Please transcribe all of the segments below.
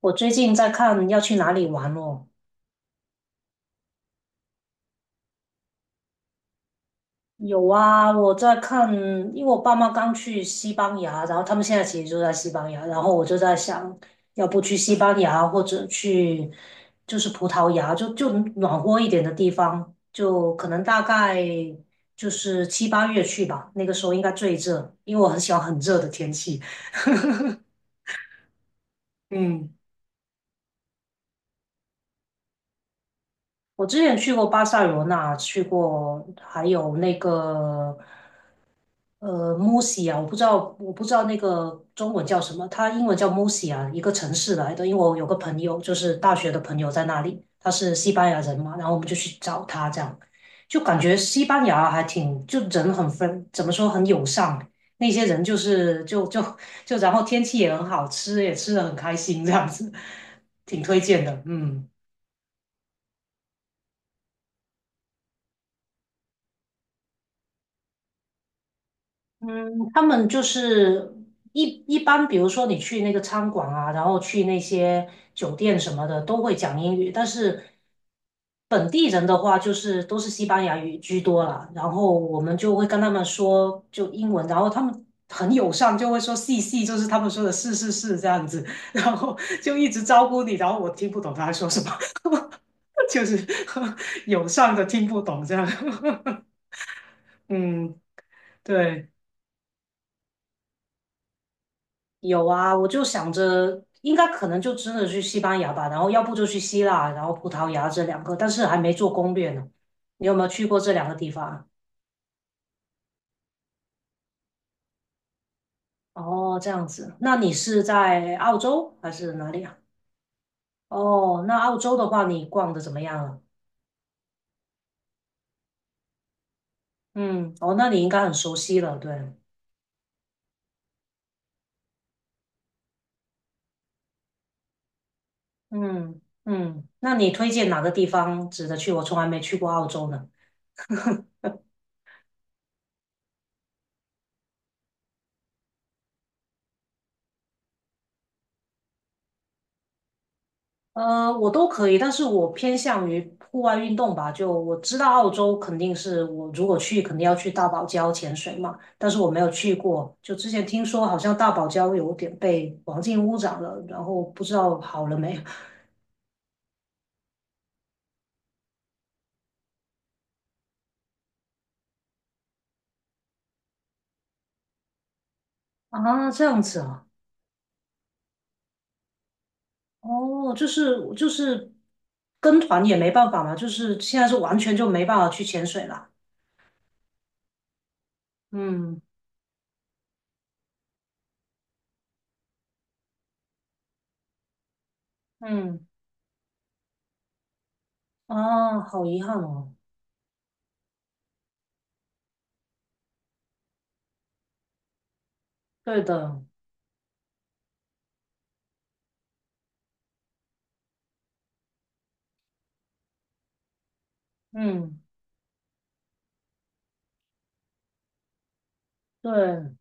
我最近在看要去哪里玩哦。有啊，我在看，因为我爸妈刚去西班牙，然后他们现在其实就在西班牙，然后我就在想，要不去西班牙或者去就是葡萄牙，就暖和一点的地方，就可能大概就是七八月去吧，那个时候应该最热，因为我很喜欢很热的天气。嗯，我之前去过巴塞罗那，去过还有那个。M u r i a 我不知道，我不知道那个中文叫什么，它英文叫 m u r i a 一个城市来的。因为我有个朋友，就是大学的朋友在那里，他是西班牙人嘛，然后我们就去找他，这样就感觉西班牙还挺，就人很分，怎么说很友善，那些人就是就，然后天气也很好，吃也吃的很开心，这样子，挺推荐的，嗯。嗯，他们就是一一般，比如说你去那个餐馆啊，然后去那些酒店什么的，都会讲英语。但是本地人的话，就是都是西班牙语居多了。然后我们就会跟他们说就英文，然后他们很友善，就会说是是”，就是他们说的“是是是”这样子，然后就一直招呼你，然后我听不懂他在说什么，就是 友善的听不懂这样。嗯，对。有啊，我就想着应该可能就真的去西班牙吧，然后要不就去希腊，然后葡萄牙这两个，但是还没做攻略呢。你有没有去过这两个地方啊？哦，这样子，那你是在澳洲还是哪里啊？哦，那澳洲的话，你逛的怎么样了？嗯，哦，那你应该很熟悉了，对。嗯嗯，那你推荐哪个地方值得去？我从来没去过澳洲呢。我都可以，但是我偏向于户外运动吧。就我知道澳洲肯定是我如果去肯定要去大堡礁潜水嘛，但是我没有去过。就之前听说好像大堡礁有点被环境污染了，然后不知道好了没。 啊？这样子啊？哦，就是跟团也没办法嘛，就是现在是完全就没办法去潜水了。嗯嗯，啊，好遗憾哦。对的，嗯，对。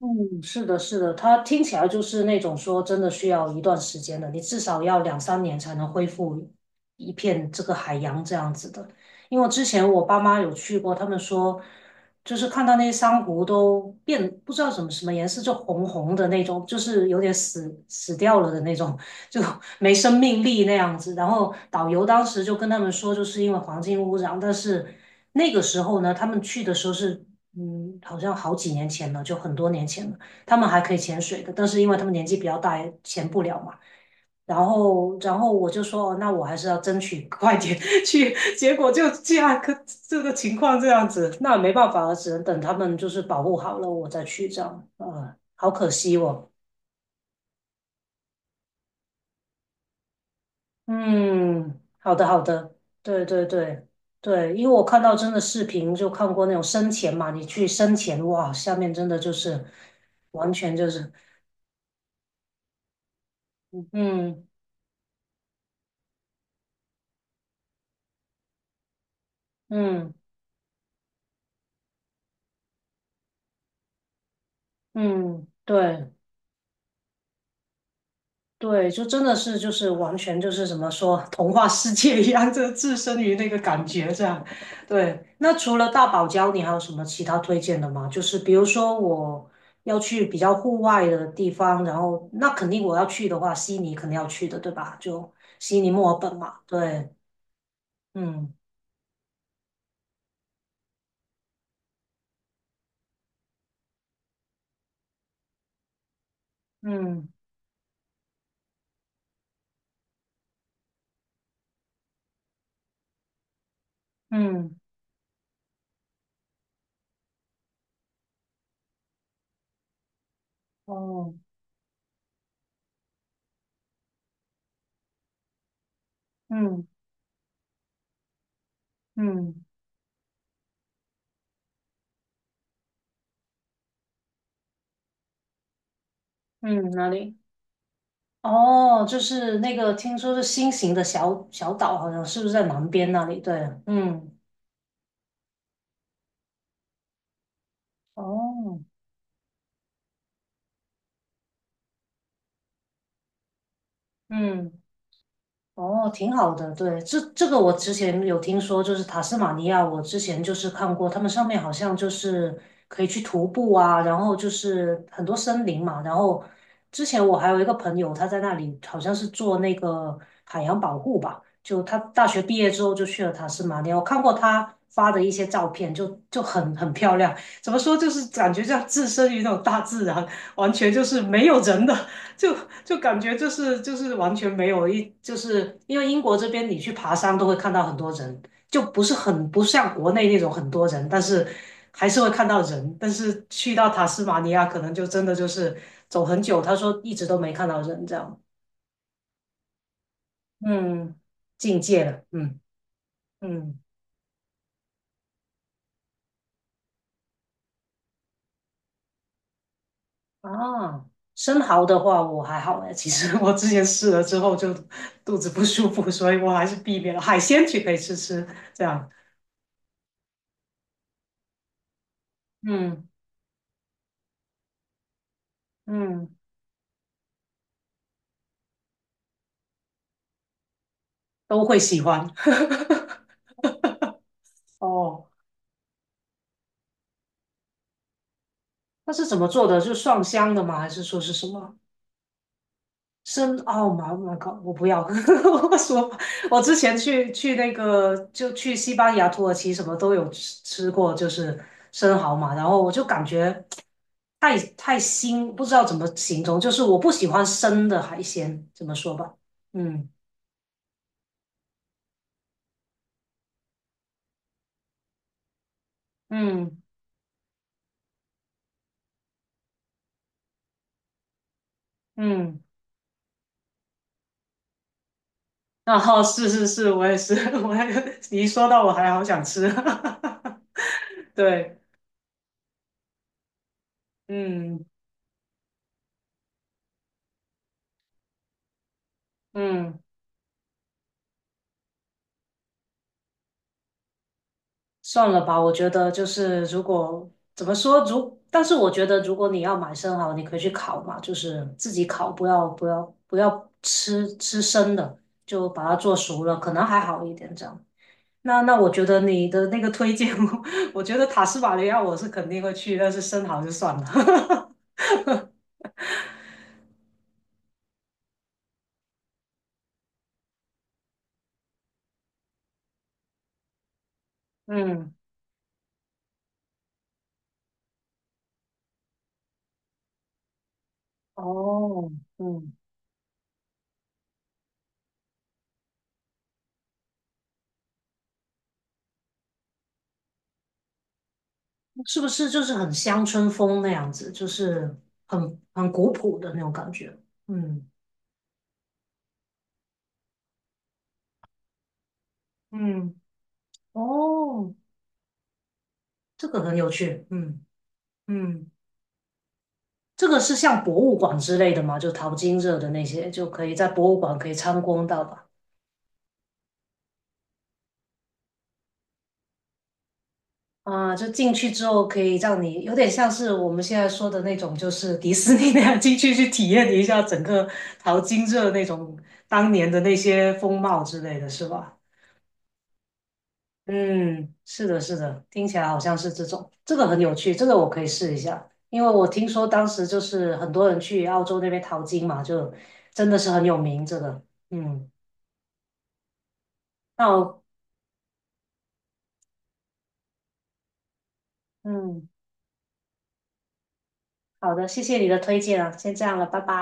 嗯，是的，是的，它听起来就是那种说真的需要一段时间的，你至少要两三年才能恢复一片这个海洋这样子的。因为之前我爸妈有去过，他们说就是看到那些珊瑚都变不知道什么什么颜色，就红红的那种，就是有点死死掉了的那种，就 没生命力那样子。然后导游当时就跟他们说，就是因为环境污染。但是那个时候呢，他们去的时候是，嗯，好像好几年前了，就很多年前了。他们还可以潜水的，但是因为他们年纪比较大，也潜不了嘛。然后我就说，哦那我还是要争取快点 去。结果就这样，这个情况这样子，那没办法了，只能等他们就是保护好了，我再去这样。呃，好可惜哦。嗯，好的，好的，对对对对，因为我看到真的视频，就看过那种深潜嘛，你去深潜，哇，下面真的就是完全就是，嗯嗯嗯，对对，就真的是就是完全就是怎么说童话世界一样，就置身于那个感觉这样。对，那除了大堡礁，你还有什么其他推荐的吗？就是比如说我要去比较户外的地方，然后那肯定我要去的话，悉尼肯定要去的，对吧？就悉尼、墨尔本嘛。对，嗯嗯嗯，哦，嗯嗯嗯，哪里？哦，就是那个，听说是新型的小小岛，好像是不是在南边那里？对，嗯，哦，嗯，哦，挺好的。对，这这个我之前有听说，就是塔斯马尼亚，我之前就是看过，他们上面好像就是可以去徒步啊，然后就是很多森林嘛。然后之前我还有一个朋友，他在那里好像是做那个海洋保护吧，就他大学毕业之后就去了塔斯马尼亚，我看过他发的一些照片就，就很很漂亮。怎么说，就是感觉像置身于那种大自然，完全就是没有人的，就就感觉就是完全没有一，就是因为英国这边你去爬山都会看到很多人，就不是很不像国内那种很多人，但是还是会看到人。但是去到塔斯马尼亚，可能就真的就是走很久，他说一直都没看到人这样。嗯，境界了，嗯嗯啊，生蚝的话我还好哎，其实我之前试了之后就肚子不舒服，所以我还是避免了海鲜去可以吃吃这样。嗯嗯。都会喜欢。哦，那是怎么做的？是蒜香的吗？还是说是什么生奥吗？Oh my god！我不要，我说我之前去那个就去西班牙、土耳其什么都有吃吃过，就是生蚝嘛，然后我就感觉太太腥，不知道怎么形容，就是我不喜欢生的海鲜，怎么说吧？嗯嗯嗯，然后是是是，我也是，我还你一说到我还好想吃，对，嗯。嗯，算了吧，我觉得就是如果怎么说，但是我觉得如果你要买生蚝，你可以去烤嘛，就是自己烤，不要吃吃生的，就把它做熟了，可能还好一点这样。那那我觉得你的那个推荐，我我觉得塔斯马尼亚我是肯定会去，但是生蚝就算了。嗯，哦，嗯，是不是就是很乡村风那样子，就是很很古朴的那种感觉？嗯嗯。哦，这个很有趣，嗯嗯，这个是像博物馆之类的吗？就淘金热的那些，就可以在博物馆可以参观到吧？啊，就进去之后可以让你有点像是我们现在说的那种，就是迪士尼那样进去体验一下整个淘金热那种当年的那些风貌之类的，是吧？嗯，是的，是的，听起来好像是这种，这个很有趣，这个我可以试一下，因为我听说当时就是很多人去澳洲那边淘金嘛，就真的是很有名这个，嗯，那我，嗯，好的，谢谢你的推荐啊，先这样了，拜拜。